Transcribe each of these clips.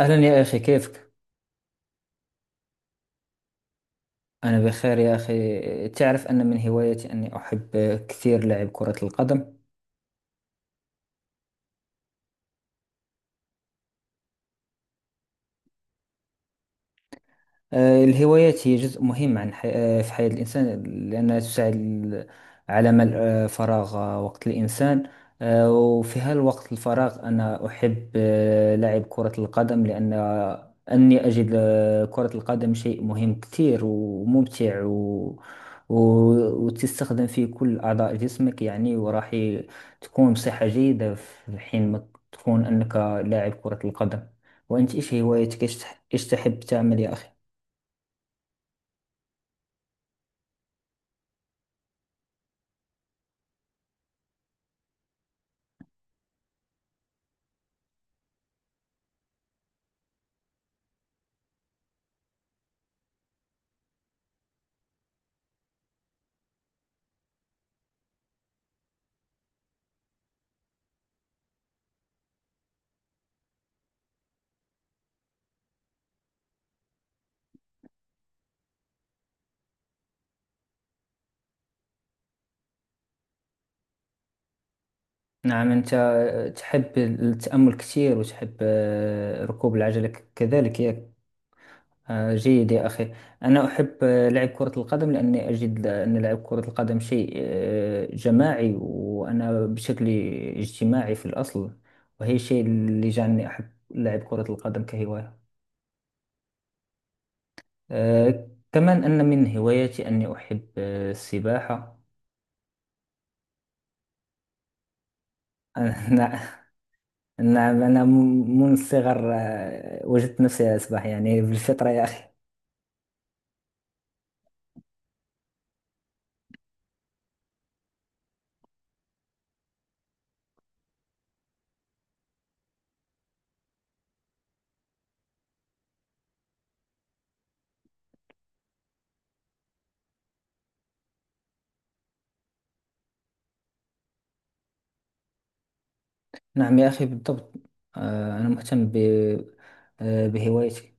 أهلا يا أخي، كيفك؟ أنا بخير يا أخي. تعرف أن من هوايتي أني أحب كثير لعب كرة القدم. الهوايات هي جزء مهم عن حي... آه، في حياة الإنسان لأنها تساعد على ملء فراغ وقت الإنسان. وفي هالوقت الفراغ أنا أحب لعب كرة القدم لأن أني أجد كرة القدم شيء مهم كثير وممتع و... وتستخدم فيه كل أعضاء جسمك يعني تكون بصحة جيدة في حين ما تكون أنك لاعب كرة القدم. وأنت، إيش هوايتك؟ إيش تحب تعمل يا أخي؟ نعم، أنت تحب التأمل كثير وتحب ركوب العجلة كذلك، ياك؟ جيد يا أخي. أنا أحب لعب كرة القدم لأني أجد أن لعب كرة القدم شيء جماعي، وأنا بشكل اجتماعي في الأصل، وهي الشيء اللي جعلني أحب لعب كرة القدم كهواية. كمان أن من هواياتي أني أحب السباحة. أنا نعم، أنا منذ الصغر وجدت نفسي أسبح يعني بالفطرة يا أخي. نعم يا أخي، بالضبط. أنا مهتم ب... آه، بهوايتي.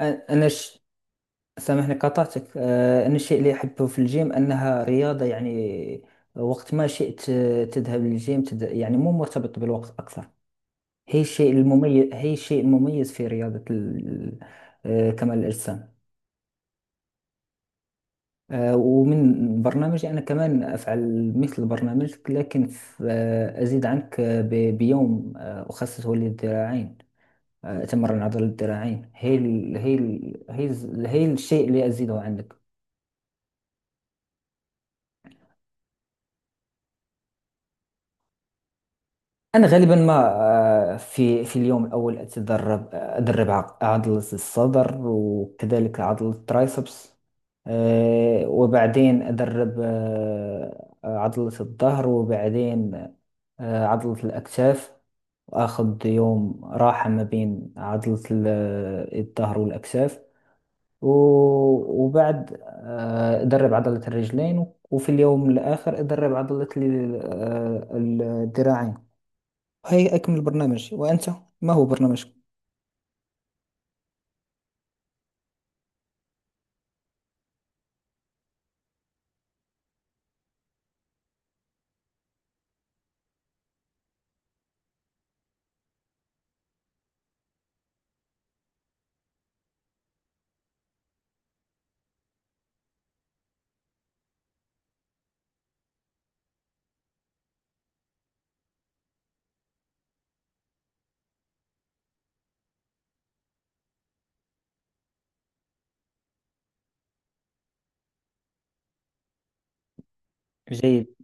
أ- أنا ش... سامحني قطعتك. أنا الشيء اللي أحبه في الجيم أنها رياضة، يعني وقت ما شئت تذهب للجيم، يعني مو مرتبط بالوقت أكثر. هي الشيء المميز في رياضة ال... آه، كمال الأجسام. ومن برنامجي أنا كمان أفعل مثل برنامجك، لكن أزيد عنك بيوم أخصصه للذراعين. تمرن العضلة الذراعين هي الشيء اللي أزيده عندك. أنا غالبا ما في اليوم الأول أدرب عضلة الصدر وكذلك عضلة الترايسبس. وبعدين أدرب عضلة الظهر، وبعدين عضلة الأكتاف. وآخذ يوم راحة ما بين عضلة الظهر والأكتاف. وبعد درب عضلة الرجلين. وفي اليوم الآخر أدرب عضلة الذراعين. هاي أكمل برنامج. وأنت، ما هو برنامجك؟ جيد.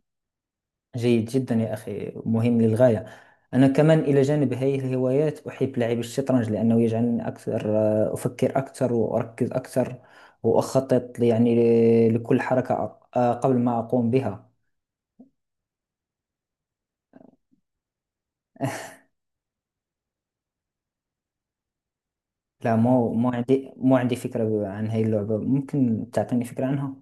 جيد جدا يا أخي، مهم للغاية. أنا كمان إلى جانب هذه الهوايات أحب لعب الشطرنج، لأنه يجعلني أكثر، أفكر أكثر وأركز أكثر وأخطط، يعني يعني لكل حركة قبل ما أقوم بها. لا، مو عندي فكرة عن هاي اللعبة. ممكن تعطيني فكرة عنها؟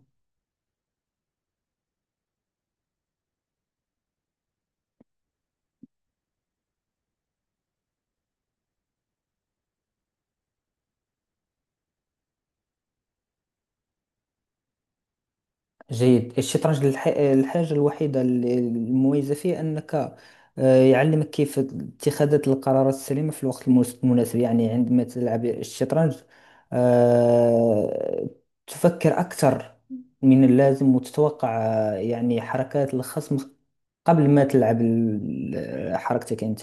جيد. الشطرنج، الحاجة الوحيدة المميزة فيه أنك يعلمك كيف اتخاذ القرارات السليمة في الوقت المناسب، يعني عندما تلعب الشطرنج آه، تفكر أكثر من اللازم وتتوقع يعني حركات الخصم قبل ما تلعب حركتك أنت.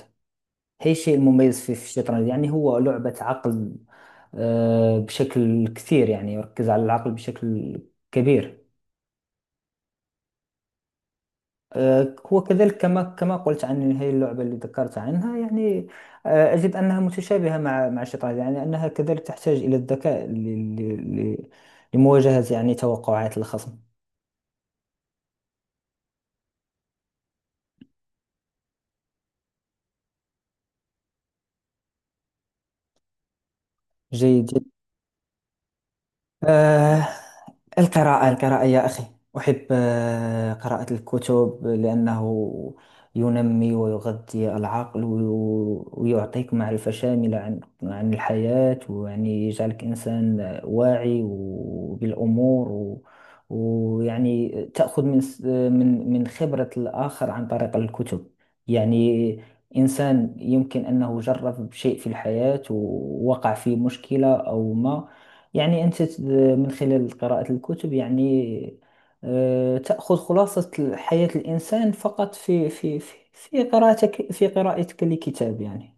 هي الشيء المميز فيه في الشطرنج، يعني هو لعبة عقل بشكل كثير، يعني يركز على العقل بشكل كبير. وكذلك، كما قلت عن هذه اللعبة اللي ذكرت عنها، يعني أجد أنها متشابهة مع الشطرنج، يعني أنها كذلك تحتاج إلى الذكاء لمواجهة، يعني توقعات الخصم. جيد. آه، القراءة، القراءة يا أخي. أحب آه، قراءة الكتب لأنه ينمي ويغذي العقل ويعطيك معرفة شاملة عن الحياة، ويعني يجعلك إنسان واعي بالأمور، ويعني تأخذ من من خبرة الآخر عن طريق الكتب. يعني إنسان يمكن أنه جرب شيء في الحياة ووقع في مشكلة أو ما، يعني أنت من خلال قراءة الكتب، يعني تأخذ خلاصة حياة الإنسان فقط في قراءتك لكتاب، يعني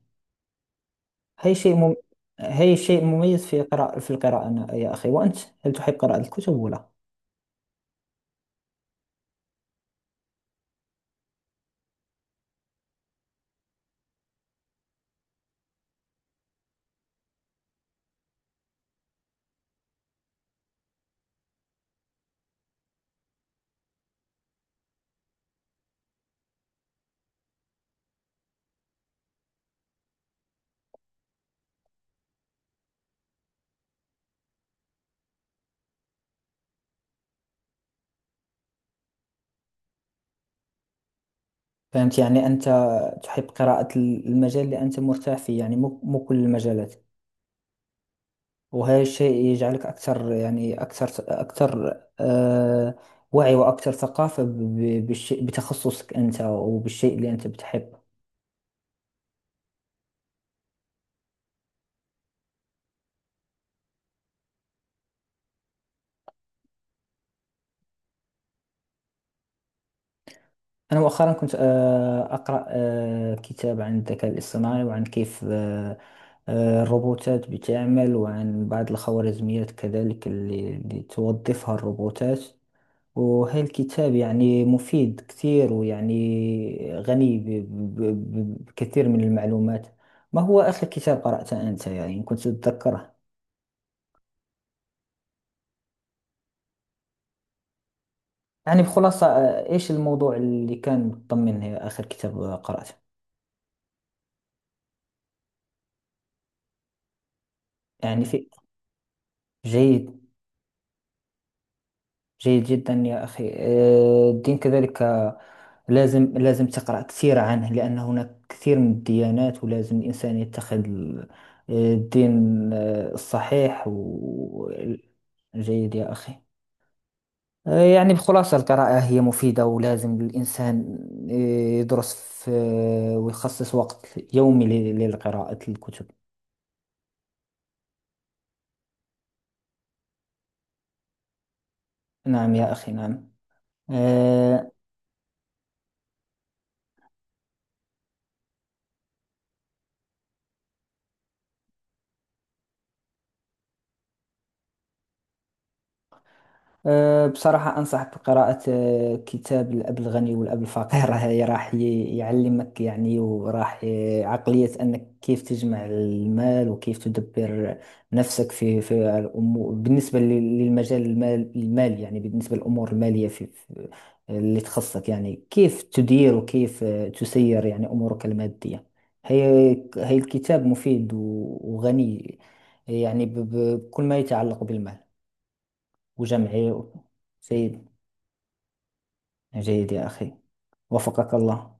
هي شيء مم... هي شيء مميز في في القراءة يا أخي. وأنت، هل تحب قراءة الكتب ولا؟ فهمت، يعني أنت تحب قراءة المجال اللي أنت مرتاح فيه، يعني مو كل المجالات. وهذا الشيء يجعلك أكثر، أكثر آه، وعي وأكثر ثقافة بالشيء، بتخصصك أنت وبالشيء اللي أنت بتحبه. أنا مؤخرا كنت أقرأ كتاب عن الذكاء الاصطناعي، وعن كيف الروبوتات بتعمل، وعن بعض الخوارزميات كذلك اللي توظفها الروبوتات. وهي الكتاب يعني مفيد كثير، ويعني غني بكثير من المعلومات. ما هو آخر كتاب قرأته أنت، يعني إن كنت تتذكره؟ يعني بخلاصة، إيش الموضوع اللي كان مطمن آخر كتاب قرأته، يعني في. جيد. جيد جدا يا أخي. الدين كذلك، لازم تقرأ كثير عنه، لأن هناك كثير من الديانات، ولازم الإنسان يتخذ الدين الصحيح. جيد يا أخي. يعني بخلاصة، القراءة هي مفيدة، ولازم الإنسان آه، يدرس في آه، ويخصص وقت يومي للقراءة الكتب. نعم يا أخي، نعم. آه، أه، بصراحة أنصح بقراءة كتاب الأب الغني والأب الفقير. هاي راح يعلمك، يعني، وراح عقلية أنك كيف تجمع المال وكيف تدبر نفسك في الأمور، بالنسبة لل- للمجال المالي، يعني بالنسبة للأمور المالية في اللي تخصك، يعني كيف تدير وكيف تسير يعني أمورك المادية. هي هي الكتاب مفيد وغني، يعني بكل ما يتعلق بالمال وجمعي. جيد. جيد يا أخي، وفقك الله.